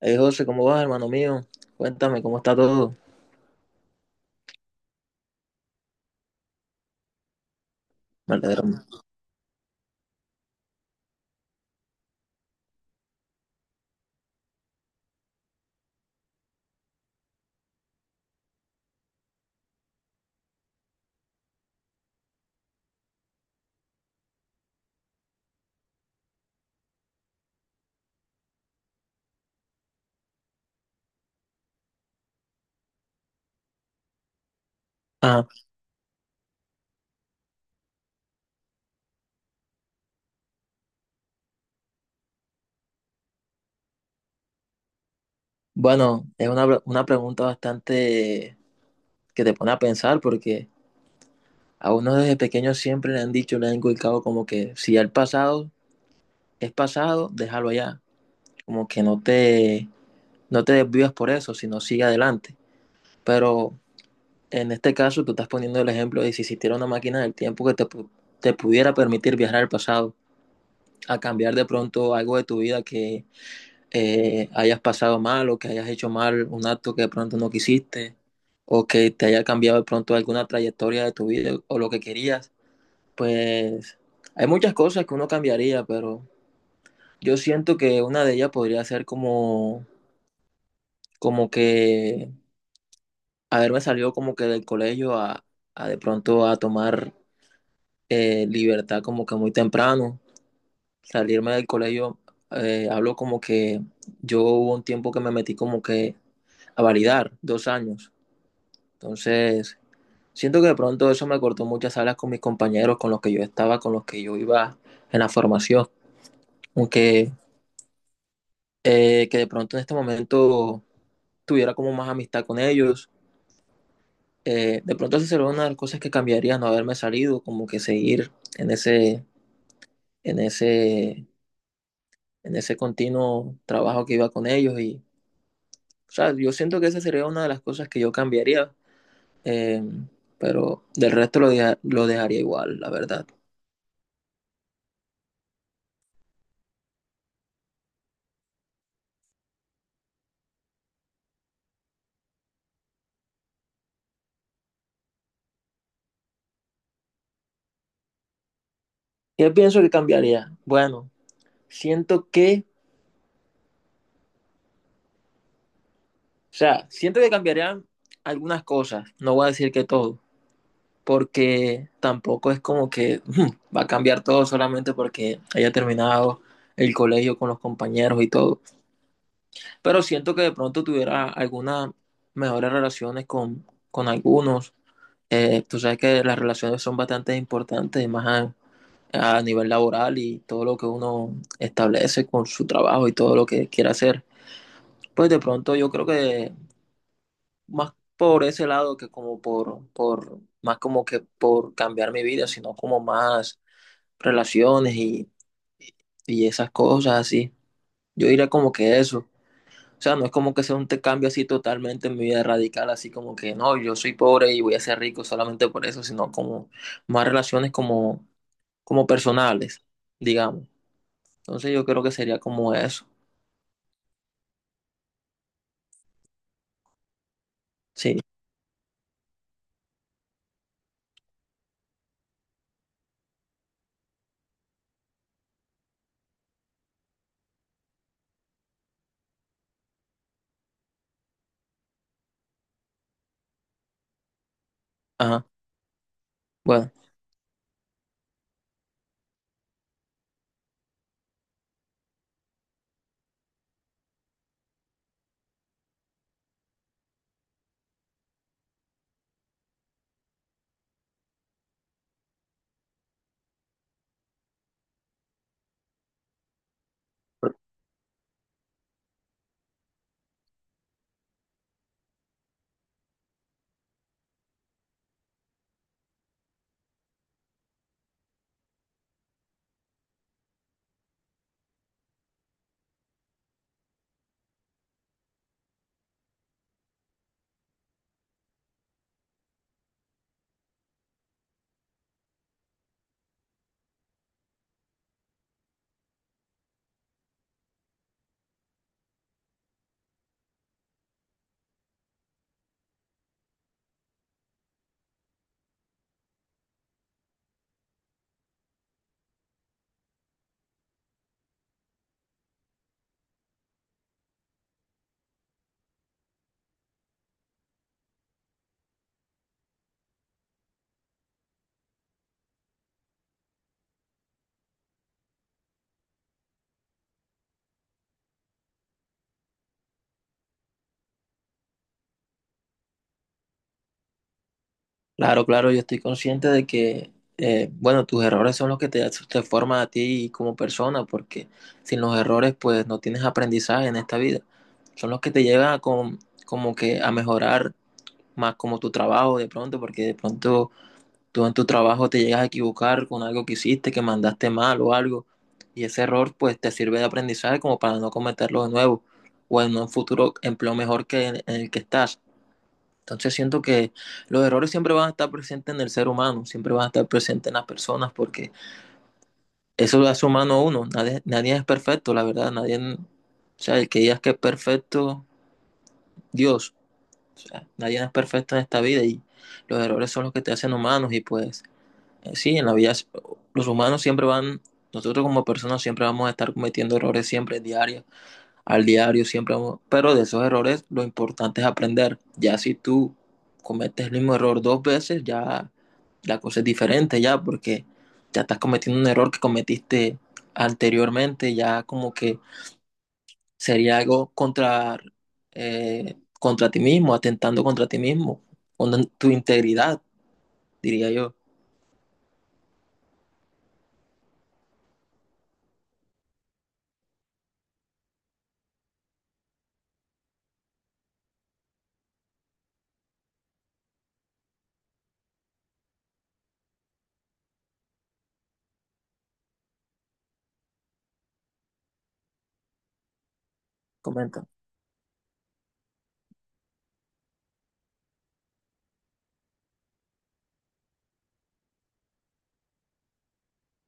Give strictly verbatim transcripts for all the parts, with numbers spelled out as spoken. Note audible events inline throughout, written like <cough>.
Hey José, ¿cómo vas, hermano mío? Cuéntame, ¿cómo está todo? Verdadero. Ah, bueno, es una, pre- una pregunta bastante que te pone a pensar porque a uno desde pequeño siempre le han dicho, le han inculcado como que si ya el pasado es pasado, déjalo allá. Como que no te, no te desvías por eso, sino sigue adelante. Pero en este caso tú estás poniendo el ejemplo de si existiera una máquina del tiempo que te, pu- te pudiera permitir viajar al pasado, a cambiar de pronto algo de tu vida que eh, hayas pasado mal o que hayas hecho mal un acto que de pronto no quisiste o que te haya cambiado de pronto alguna trayectoria de tu vida o lo que querías, pues hay muchas cosas que uno cambiaría, pero yo siento que una de ellas podría ser como, como que haberme salido como que del colegio a, a de pronto a tomar eh, libertad como que muy temprano, salirme del colegio, eh, hablo como que yo hubo un tiempo que me metí como que a validar dos años. Entonces, siento que de pronto eso me cortó muchas alas con mis compañeros, con los que yo estaba, con los que yo iba en la formación. Aunque eh, que de pronto en este momento tuviera como más amistad con ellos. Eh, de pronto esa sería una de las cosas que cambiaría, no haberme salido, como que seguir en ese, en ese, en ese continuo trabajo que iba con ellos. Y, o sea, yo siento que esa sería una de las cosas que yo cambiaría, eh, pero del resto lo, deja- lo dejaría igual, la verdad. Yo pienso que cambiaría. Bueno, siento que, o sea, siento que cambiarían algunas cosas, no voy a decir que todo, porque tampoco es como que <laughs> va a cambiar todo solamente porque haya terminado el colegio con los compañeros y todo. Pero siento que de pronto tuviera algunas mejores relaciones con, con algunos. Eh, tú sabes que las relaciones son bastante importantes, más a, a nivel laboral y todo lo que uno establece con su trabajo y todo lo que quiera hacer. Pues de pronto yo creo que más por ese lado que como por, por más como que por cambiar mi vida, sino como más relaciones y, y esas cosas así. Yo diría como que eso. O sea, no es como que sea un te- cambio así totalmente en mi vida radical, así como que no, yo soy pobre y voy a ser rico solamente por eso, sino como más relaciones como, como personales, digamos. Entonces yo creo que sería como eso. Sí, ajá. Bueno. Claro, claro, yo estoy consciente de que, eh, bueno, tus errores son los que te, te forman a ti como persona, porque sin los errores, pues no tienes aprendizaje en esta vida. Son los que te llevan a com- como que a mejorar más como tu trabajo de pronto, porque de pronto tú en tu trabajo te llegas a equivocar con algo que hiciste, que mandaste mal o algo, y ese error pues te sirve de aprendizaje como para no cometerlo de nuevo o en un futuro empleo mejor que en en el que estás. Entonces siento que los errores siempre van a estar presentes en el ser humano, siempre van a estar presentes en las personas, porque eso lo hace humano a uno. Nadie, nadie es perfecto, la verdad. Nadie, o sea, el que digas que es perfecto, Dios. O sea, nadie es perfecto en esta vida y los errores son los que te hacen humanos. Y pues, eh, sí, en la vida los humanos siempre van, nosotros como personas siempre vamos a estar cometiendo errores siempre diarios al diario, siempre, pero de esos errores lo importante es aprender. Ya si tú cometes el mismo error dos veces, ya la cosa es diferente, ya, porque ya estás cometiendo un error que cometiste anteriormente, ya como que sería algo contra, eh, contra ti mismo, atentando contra ti mismo, con tu integridad, diría yo. Comenta,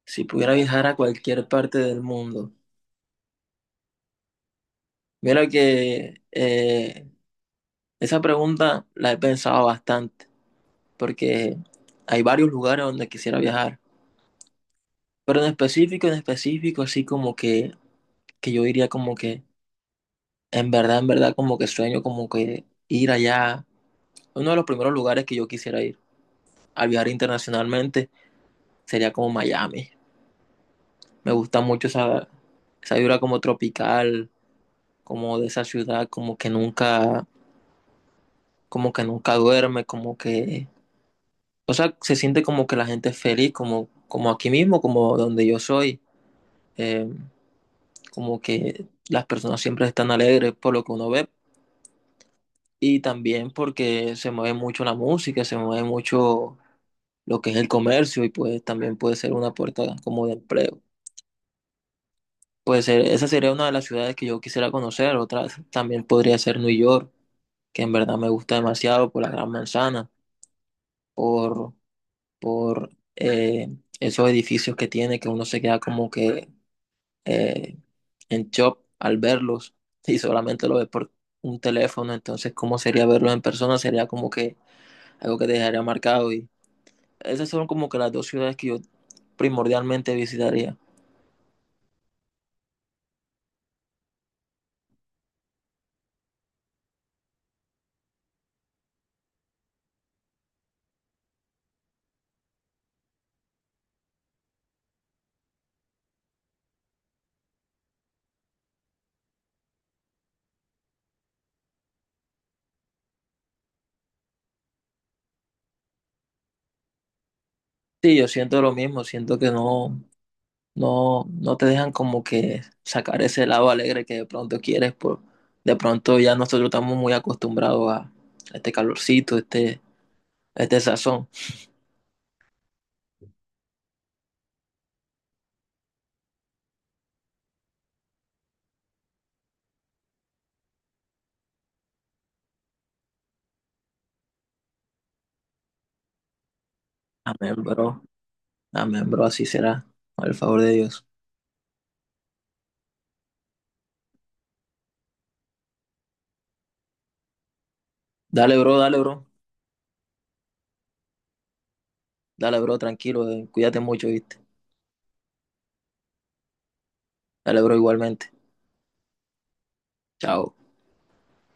si pudiera viajar a cualquier parte del mundo. Mira que eh, esa pregunta la he pensado bastante porque hay varios lugares donde quisiera viajar. Pero en específico, en específico, así como que, que yo diría como que, en verdad, en verdad, como que sueño como que ir allá. Uno de los primeros lugares que yo quisiera ir al viajar internacionalmente sería como Miami. Me gusta mucho esa, esa vibra como tropical, como de esa ciudad, como que nunca, como que nunca duerme, como que, o sea, se siente como que la gente es feliz, como, como aquí mismo, como donde yo soy. Eh, como que las personas siempre están alegres por lo que uno ve y también porque se mueve mucho la música, se mueve mucho lo que es el comercio y pues también puede ser una puerta como de empleo. Pues eh, esa sería una de las ciudades que yo quisiera conocer, otra también podría ser New York, que en verdad me gusta demasiado por la Gran Manzana, por, por eh, esos edificios que tiene, que uno se queda como que eh, en shop al verlos <laughs> y solamente lo ves por un teléfono, entonces cómo sería verlos en persona, sería como que algo que te dejaría marcado y esas son como que las dos ciudades que yo primordialmente visitaría. Sí, yo siento lo mismo, siento que no, no, no te dejan como que sacar ese lado alegre que de pronto quieres, por, de pronto ya nosotros estamos muy acostumbrados a este calorcito, este, este sazón. Amén, bro, amén, bro, así será, al favor de Dios. Dale, bro, dale, bro. Dale, bro, tranquilo. eh, Cuídate mucho, ¿viste? Dale, bro, igualmente. Chao.